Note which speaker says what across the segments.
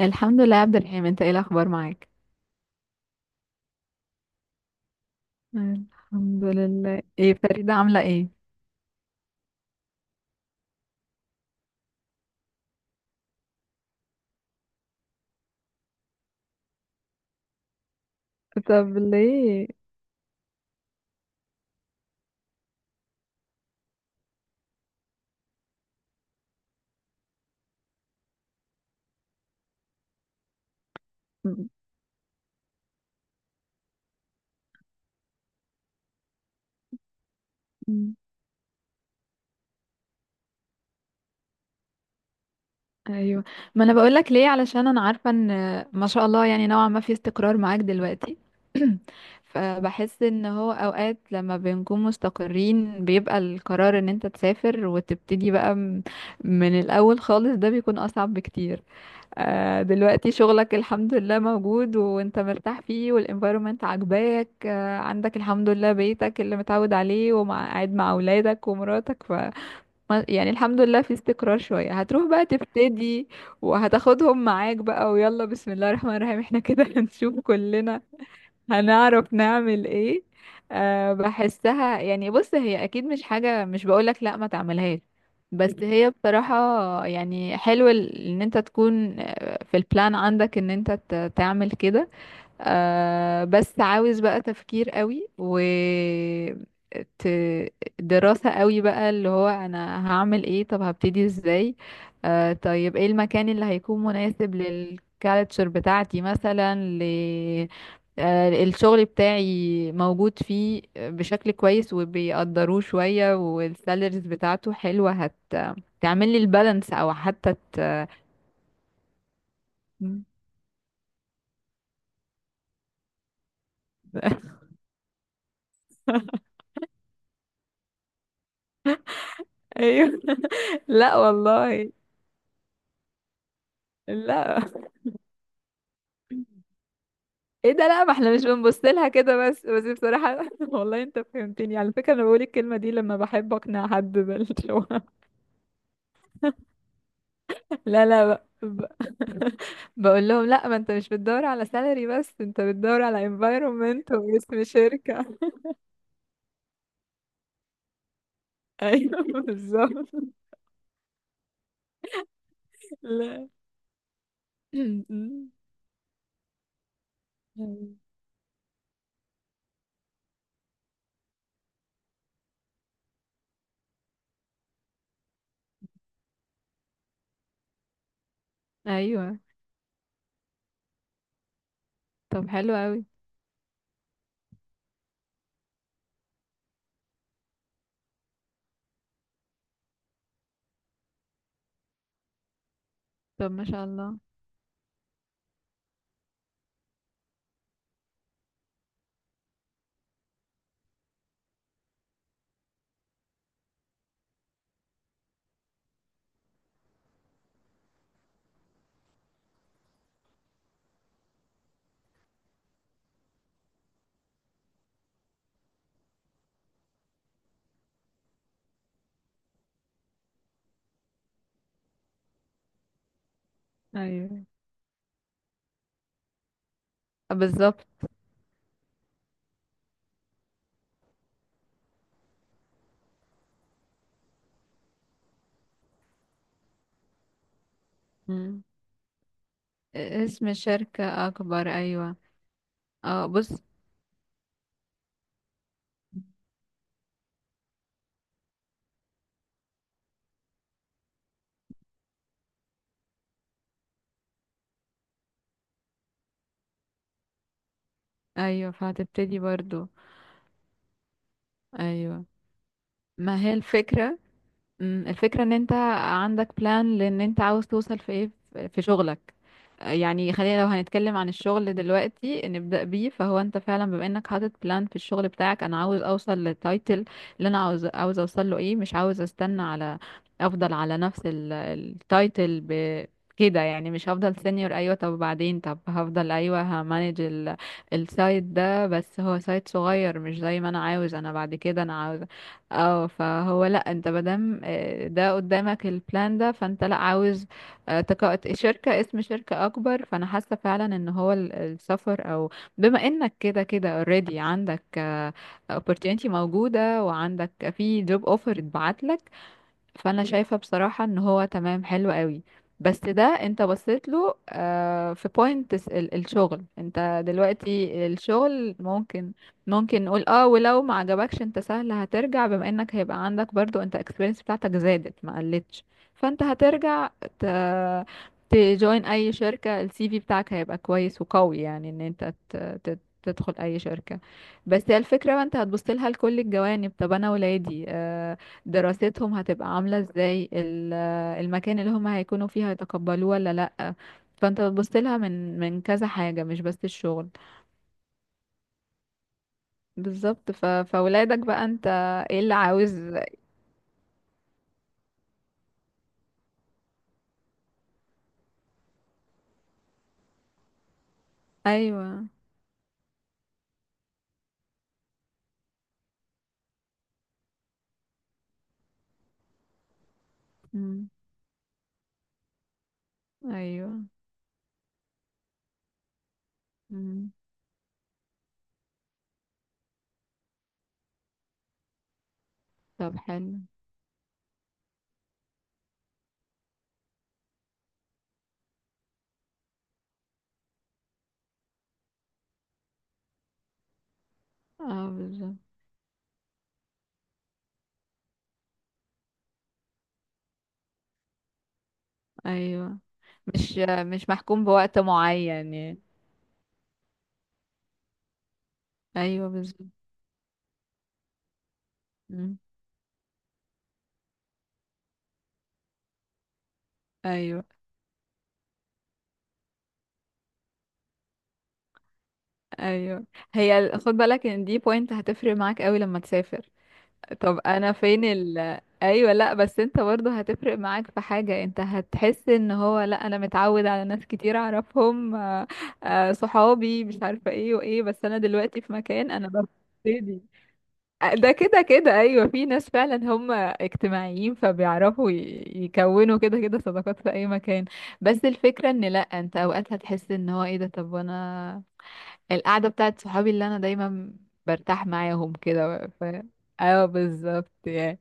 Speaker 1: الحمد لله يا عبد الرحيم، انت ايه الاخبار معاك؟ الحمد لله. ايه فريدة عاملة ايه؟ طب ليه؟ م- م- ايوه، ما انا بقول لك ليه، علشان انا عارفة ان ما شاء الله يعني نوعا ما في استقرار معاك دلوقتي. فبحس ان هو اوقات لما بنكون مستقرين بيبقى القرار ان انت تسافر وتبتدي بقى من الاول خالص، ده بيكون اصعب بكتير. دلوقتي شغلك الحمد لله موجود وانت مرتاح فيه والانفايرومنت عاجباك، عندك الحمد لله بيتك اللي متعود عليه ومع قاعد مع اولادك ومراتك ف يعني الحمد لله في استقرار شوية، هتروح بقى تبتدي وهتاخدهم معاك بقى، ويلا بسم الله الرحمن الرحيم احنا كده هنشوف كلنا هنعرف نعمل ايه. بحسها يعني، بص هي اكيد مش حاجة، مش بقولك لا ما تعملهاش، بس هي بصراحة يعني حلو ان انت تكون في البلان عندك ان انت تعمل كده. بس عاوز بقى تفكير قوي و ت- دراسة قوي بقى، اللي هو انا هعمل ايه؟ طب هبتدي ازاي؟ طيب ايه المكان اللي هيكون مناسب للكالتشر بتاعتي مثلا ل الشغل بتاعي موجود فيه بشكل كويس وبيقدروه شوية، والسالاريز بتاعته حلوة، هت تعمل لي البالانس او حتى ت... ايوه لا والله، لا، ايه ده؟ لا، ما احنا مش بنبص لها كده، بس بصراحة والله انت فهمتني على فكرة، انا بقول الكلمة دي لما بحب اقنع حد بالشغل. لا لا، ب... ب... بقول لهم لا، ما انت مش بتدور على سالري، بس انت بتدور على environment واسم شركة. ايوه بالظبط. لا. ايوه، طب حلو قوي. طب ما شاء الله. ايوه بالظبط. مم. اسم الشركة اكبر، ايوه. اه بص. ايوه فهتبتدي برضو. ايوه. ما هي الفكرة. الفكرة ان انت عندك بلان، لان انت عاوز توصل في ايه، في شغلك. يعني خلينا لو هنتكلم عن الشغل دلوقتي نبدأ بيه، فهو انت فعلا بما انك حاطط بلان في الشغل بتاعك، انا عاوز اوصل للتايتل اللي انا عاوز اوصل له، ايه مش عاوز استنى على افضل على نفس التايتل ب كده، يعني مش هفضل سينيور، ايوه طب بعدين، طب هفضل ايوه همانج السايت ده، بس هو سايت صغير مش زي ما انا عاوز. انا بعد كده انا عاوز اه فهو لا، انت مادام ده قدامك البلان ده، فانت لا عاوز شركة، اسم شركة أكبر، فأنا حاسة فعلا إن هو السفر أو، بما إنك كده كده already عندك opportunity موجودة، وعندك في job offer اتبعت، فانا شايفة بصراحة ان هو تمام حلو قوي. بس ده انت بصيت له في بوينت الشغل، انت دلوقتي الشغل ممكن نقول اه، ولو ما عجبكش انت سهل هترجع، بما انك هيبقى عندك برضو انت اكسبيرينس بتاعتك زادت ما قلتش. فانت هترجع ت... تجوين اي شركة، السي في بتاعك هيبقى كويس وقوي، يعني ان انت تدخل اي شركة. بس هي الفكرة بقى، انت هتبص لها لكل الجوانب، طب انا ولادي دراستهم هتبقى عاملة ازاي، المكان اللي هم هيكونوا فيه هيتقبلوه ولا لأ؟ فانت بتبص لها من كذا حاجة، مش بس الشغل. بالظبط ف... فولادك بقى انت ايه اللي عاوز؟ ايوه. مم. ايوه. مم. طب حلو. اه بالظبط. ايوه، مش مش محكوم بوقت معين يعني. ايوه بالظبط. مم. ايوه. ايوه. هي خد بالك ان دي بوينت هتفرق معاك قوي لما تسافر. طب انا فين ال ايوه، لا بس انت برضه هتفرق معاك في حاجة، انت هتحس ان هو لا انا متعود على ناس كتير اعرفهم صحابي مش عارفة ايه وايه، بس انا دلوقتي في مكان انا ببتدي ده كده كده ايوه، في ناس فعلا هم اجتماعيين فبيعرفوا يكونوا كده كده صداقات في اي مكان. بس الفكرة ان لا انت اوقات هتحس ان هو ايه ده، طب وانا القعدة بتاعت صحابي اللي انا دايما برتاح معاهم كده ف... ايوه بالظبط يعني.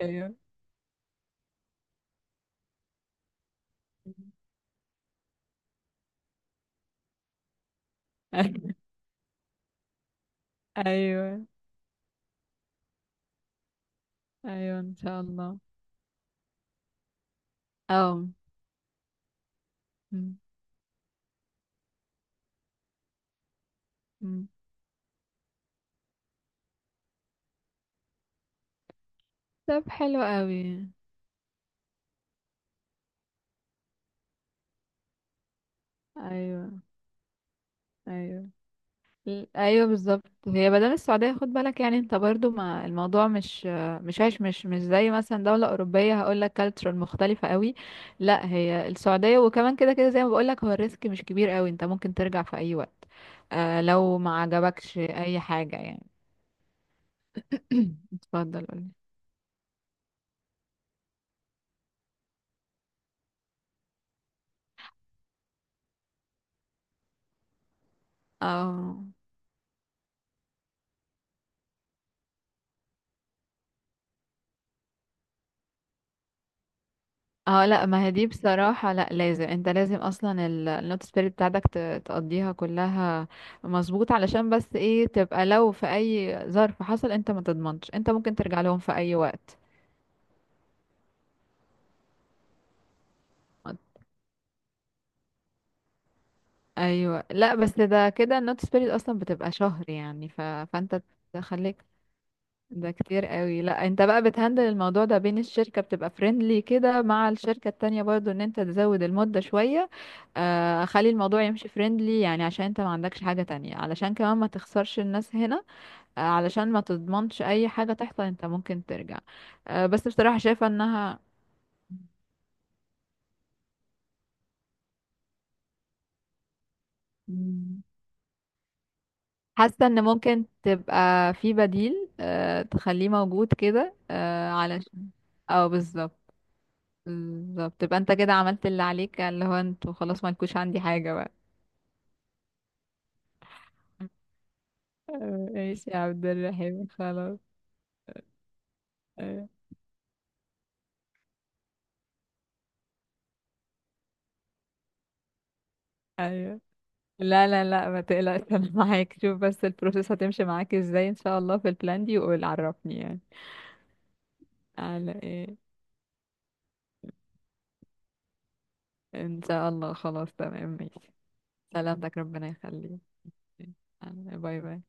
Speaker 1: ايوه ايوه. ايوه ان شاء الله. اه م- م. طب حلو قوي. ايوه. ايوه. ايوه بالظبط. هي بدل السعوديه، خد بالك يعني انت برضو ما الموضوع مش مش عايش، مش زي مثلا دوله اوروبيه هقول لك كالتشر مختلفه قوي. لا هي السعوديه، وكمان كده كده زي ما بقول لك، هو الريسك مش كبير قوي، انت ممكن ترجع في اي وقت لو ما عجبكش اي حاجه يعني. اتفضل قولي. اه اه، لا، ما هي دي بصراحة، لا لازم انت، لازم اصلا النوت سبيريت بتاعتك تقضيها كلها. مظبوط، علشان بس ايه، تبقى لو في اي ظرف حصل انت ما تضمنش، انت ممكن ترجع لهم في اي وقت. ايوه لا، بس ده كده النوت سبيريت اصلا بتبقى شهر يعني، ف... فانت تخليك ده كتير قوي. لا انت بقى بتهندل الموضوع ده بين الشركة، بتبقى فريندلي كده مع الشركة التانية برضو، ان انت تزود المدة شوية، خلي الموضوع يمشي فريندلي يعني، عشان انت ما عندكش حاجة تانية، علشان كمان ما تخسرش الناس هنا، علشان ما تضمنش اي حاجة تحصل، انت ممكن ترجع. آه بس بصراحة شايفة انها مم. حاسة ان ممكن تبقى في بديل، تخليه موجود كده علشان اه بالظبط. بالظبط، تبقى انت كده عملت اللي عليك، اللي هو انتوا خلاص ما لكوش عندي حاجة بقى. آه، ماشي يا عبد الرحيم خلاص. ايوه. أيوة. لا لا لا، ما تقلقش انا معاك، شوف بس البروسيس هتمشي معاك ازاي ان شاء الله في البلان دي وقول عرفني يعني. على ايه؟ ان شاء الله، خلاص تمام ماشي. سلامتك ربنا يخليك. يلا، باي باي.